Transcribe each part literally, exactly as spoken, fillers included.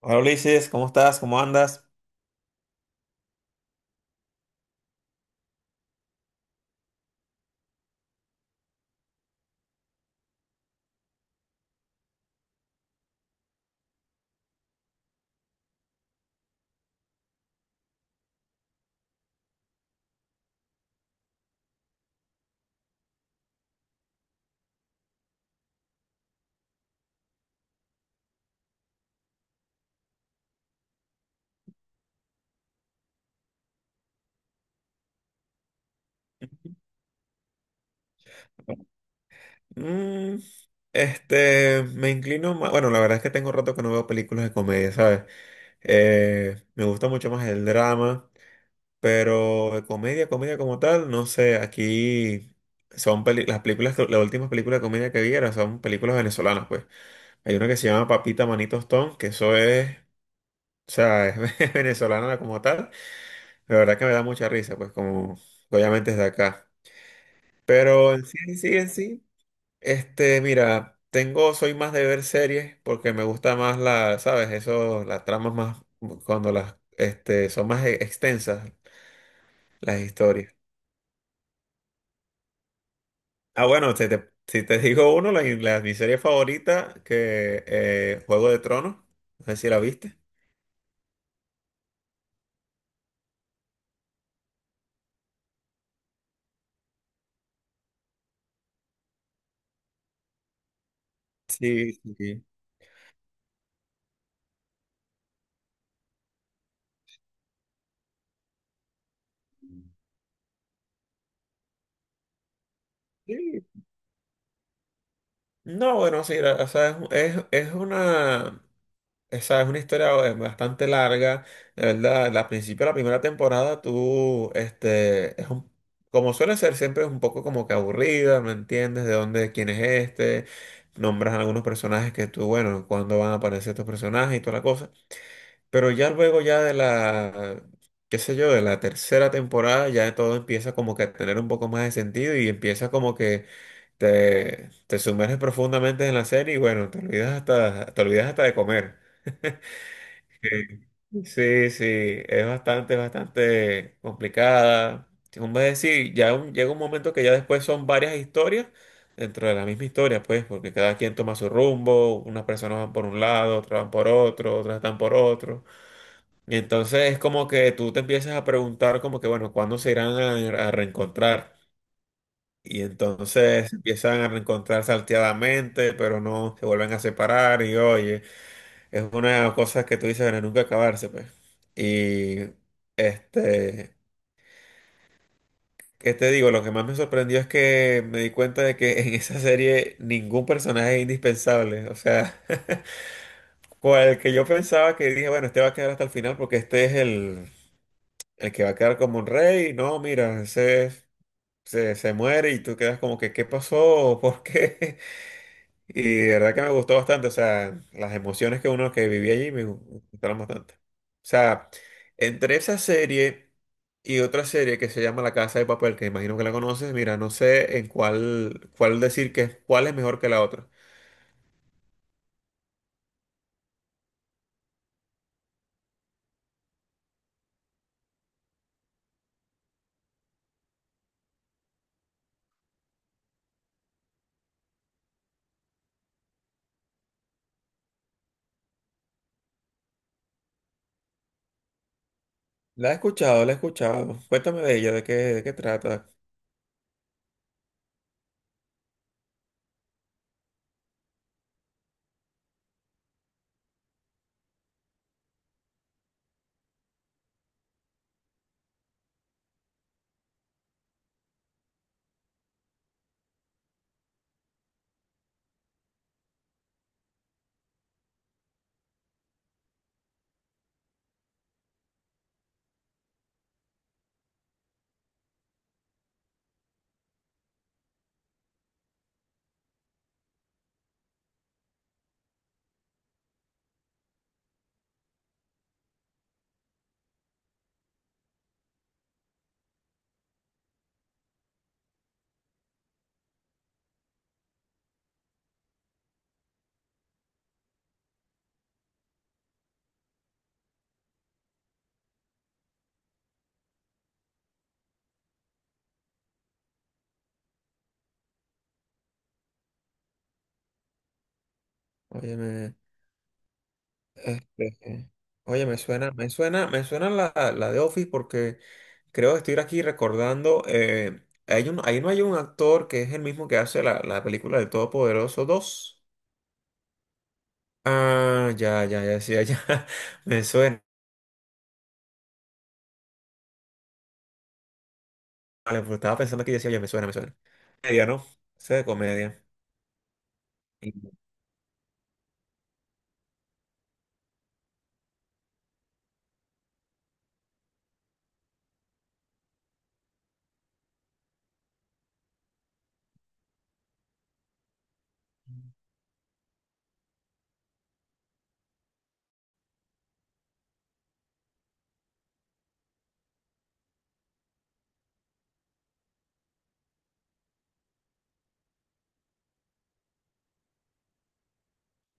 Hola Ulises, ¿cómo estás? ¿Cómo andas? Mm, este, Me inclino más. Bueno, la verdad es que tengo rato que no veo películas de comedia, ¿sabes? Eh, me gusta mucho más el drama, pero de comedia, comedia como tal, no sé. Aquí son peli- las películas, que- las últimas películas de comedia que vi eran son películas venezolanas, pues. Hay una que se llama Papita Manito Stone, que eso es, o sea, es venezolana como tal. La verdad que me da mucha risa, pues, como obviamente es de acá. Pero en sí, en sí, en sí. Este, mira, tengo, soy más de ver series porque me gusta más la, ¿sabes? Eso, las tramas más, cuando las, este, son más e- extensas las historias. Ah, bueno, si te, si te digo uno, la, la- mi serie favorita, que eh, Juego de Tronos, no sé si la viste. Sí, sí. Sí. No, bueno, sí, la- o sea, es, es, es una. Esa es una historia eh, bastante larga, de verdad. Al principio de la primera temporada, tú, este, es un, como suele ser, siempre es un poco como que aburrida, no entiendes de dónde, quién es este, nombras algunos personajes que tú, bueno, cuándo van a aparecer estos personajes y toda la cosa. Pero ya luego, ya de la, qué sé yo, de la tercera temporada, ya todo empieza como que a tener un poco más de sentido y empieza como que te, te sumerges profundamente en la serie y bueno, te olvidas hasta, te olvidas hasta de comer. Sí, sí, es bastante, bastante complicada. Como es decir, ya un- llega un momento que ya después son varias historias dentro de la misma historia, pues, porque cada quien toma su rumbo, unas personas van por un lado, otras van por otro, otras están por otro. Y entonces es como que tú te empiezas a preguntar como que, bueno, ¿cuándo se irán a, a reencontrar? Y entonces empiezan a reencontrar salteadamente, pero no, se vuelven a separar y oye. Es una de las cosas que tú dices, bueno, nunca acabarse, pues. Y este, ¿qué te digo? Lo que más me sorprendió es que me di cuenta de que en esa serie ningún personaje es indispensable. O sea, cual que yo pensaba que dije, bueno, este va a quedar hasta el final porque este es el, el que va a quedar como un rey. No, mira, ese se, se muere y tú quedas como que, ¿qué pasó? ¿Por qué? Y de verdad que me gustó bastante, o sea, las emociones que uno que vivía allí me gustaron bastante. O sea, entre esa serie y otra serie que se llama La Casa de Papel, que imagino que la conoces, mira, no sé en cuál, cuál decir que es- cuál es mejor que la otra. La he escuchado, la he escuchado. Cuéntame de ella, de qué, de qué trata. Óyeme. Este, Oye, me suena, me suena, me suena la, la de Office porque creo que estoy aquí recordando, eh, hay un, ahí no hay un actor que es el mismo que hace la, la película de Todopoderoso dos. Ah, ya, ya, ya, sí, ya, me suena. Vale, pues estaba pensando aquí y decía, oye, me suena, me suena. Comedia, ¿no? Sé de comedia.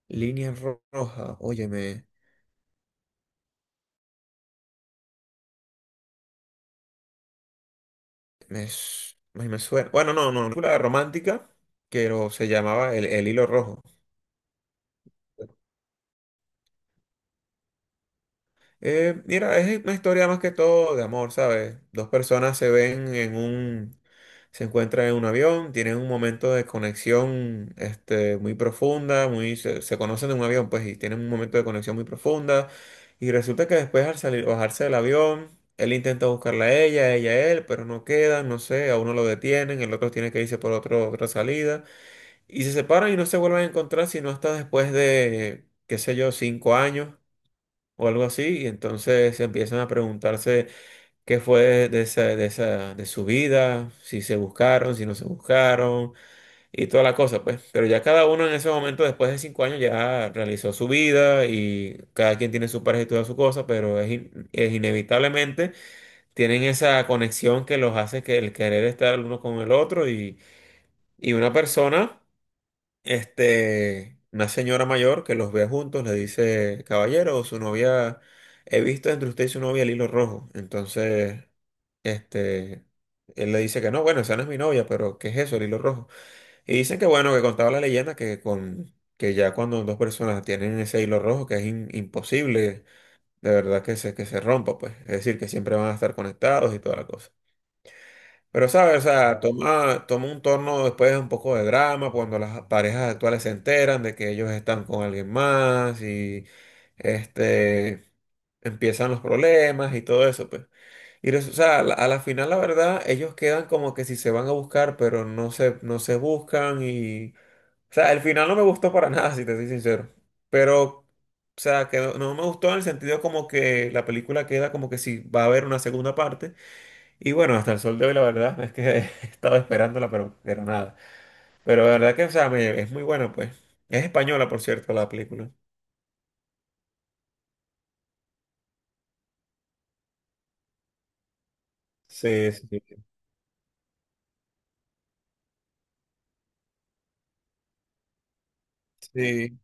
Línea ro- roja, oye, me, me, su- me me suena. Bueno, no, no, una película romántica, pero se llamaba El, El Hilo Rojo. Eh, mira, es una historia más que todo de amor, ¿sabes? Dos personas se ven en un, se encuentran en un avión, tienen un momento de conexión, este, muy profunda, muy, se, se conocen en un avión, pues, y tienen un momento de conexión muy profunda. Y resulta que después al salir, bajarse del avión, él intenta buscarla a ella, ella a él, pero no quedan, no sé, a uno lo detienen, el otro tiene que irse por otro, otra salida. Y se separan y no se vuelven a encontrar sino hasta después de, qué sé yo, cinco años o algo así, y entonces empiezan a preguntarse qué fue de esa, de esa, de su vida, si se buscaron, si no se buscaron, y toda la cosa, pues. Pero ya cada uno en ese momento, después de cinco años, ya realizó su vida y cada quien tiene su pareja y toda su cosa, pero es, in- es inevitablemente tienen esa conexión que los hace que el querer estar el uno con el otro y, y una persona. Este, una señora mayor que los ve juntos le dice, caballero, su novia, he visto entre usted y su novia el hilo rojo. Entonces, este, él le dice que no, bueno, esa no es mi novia, pero ¿qué es eso, el hilo rojo? Y dicen que bueno, que contaba la leyenda que con, que ya cuando dos personas tienen ese hilo rojo, que es im- imposible, de verdad que se, que se rompa, pues. Es decir, que siempre van a estar conectados y toda la cosa. Pero, ¿sabes? O sea, toma, toma un torno después un poco de drama cuando las parejas actuales se enteran de que ellos están con alguien más y este, empiezan los problemas y todo eso, pues. Y, res- o sea, a la, a la final, la verdad, ellos quedan como que si se van a buscar, pero no se, no se buscan y... O sea, el final no me gustó para nada, si te soy sincero. Pero, o sea, que no, no me gustó en el sentido como que la película queda como que si va a haber una segunda parte. Y bueno, hasta el sol de hoy la verdad es que he estado esperándola, pero, pero nada. Pero la verdad que, o sea, me- es muy buena, pues. Es española, por cierto, la película. Sí, sí, sí.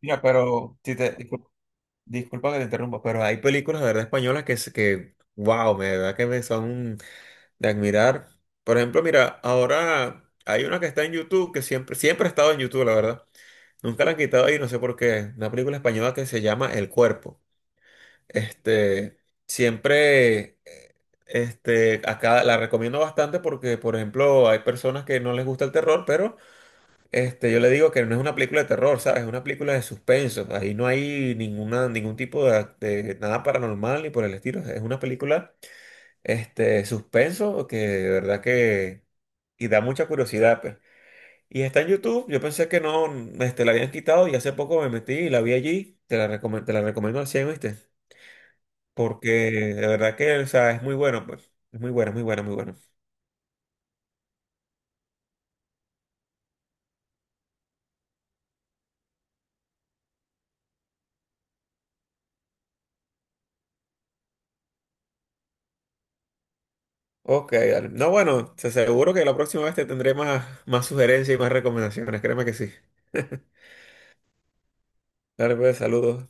Mira, pero si te, discul- disculpa que te interrumpa, pero hay películas de verdad españolas que, se- que wow, me, de verdad que me son de admirar. Por ejemplo, mira, ahora hay una que está en YouTube, que siempre, siempre ha estado en YouTube, la verdad. Nunca la han quitado y no sé por qué. Una película española que se llama El Cuerpo. Este, Siempre, eh, este, acá la recomiendo bastante porque, por ejemplo, hay personas que no les gusta el terror, pero este, yo le digo que no es una película de terror, ¿sabes? Es una película de suspenso. Ahí no hay ninguna, ningún tipo de, de nada paranormal ni por el estilo. Es una película, este, suspenso que de verdad que, y da mucha curiosidad, pues. Y está en YouTube, yo pensé que no, este, la habían quitado y hace poco me metí y la vi allí. Te la recome- te la recomiendo al cien, ¿viste? Porque de verdad que, o sea, es muy bueno, pues. Es muy bueno, muy bueno, muy bueno. Ok, dale. No, bueno, te aseguro que la próxima vez te tendré más, más sugerencias y más recomendaciones. Créeme que sí. Dale, pues, saludos.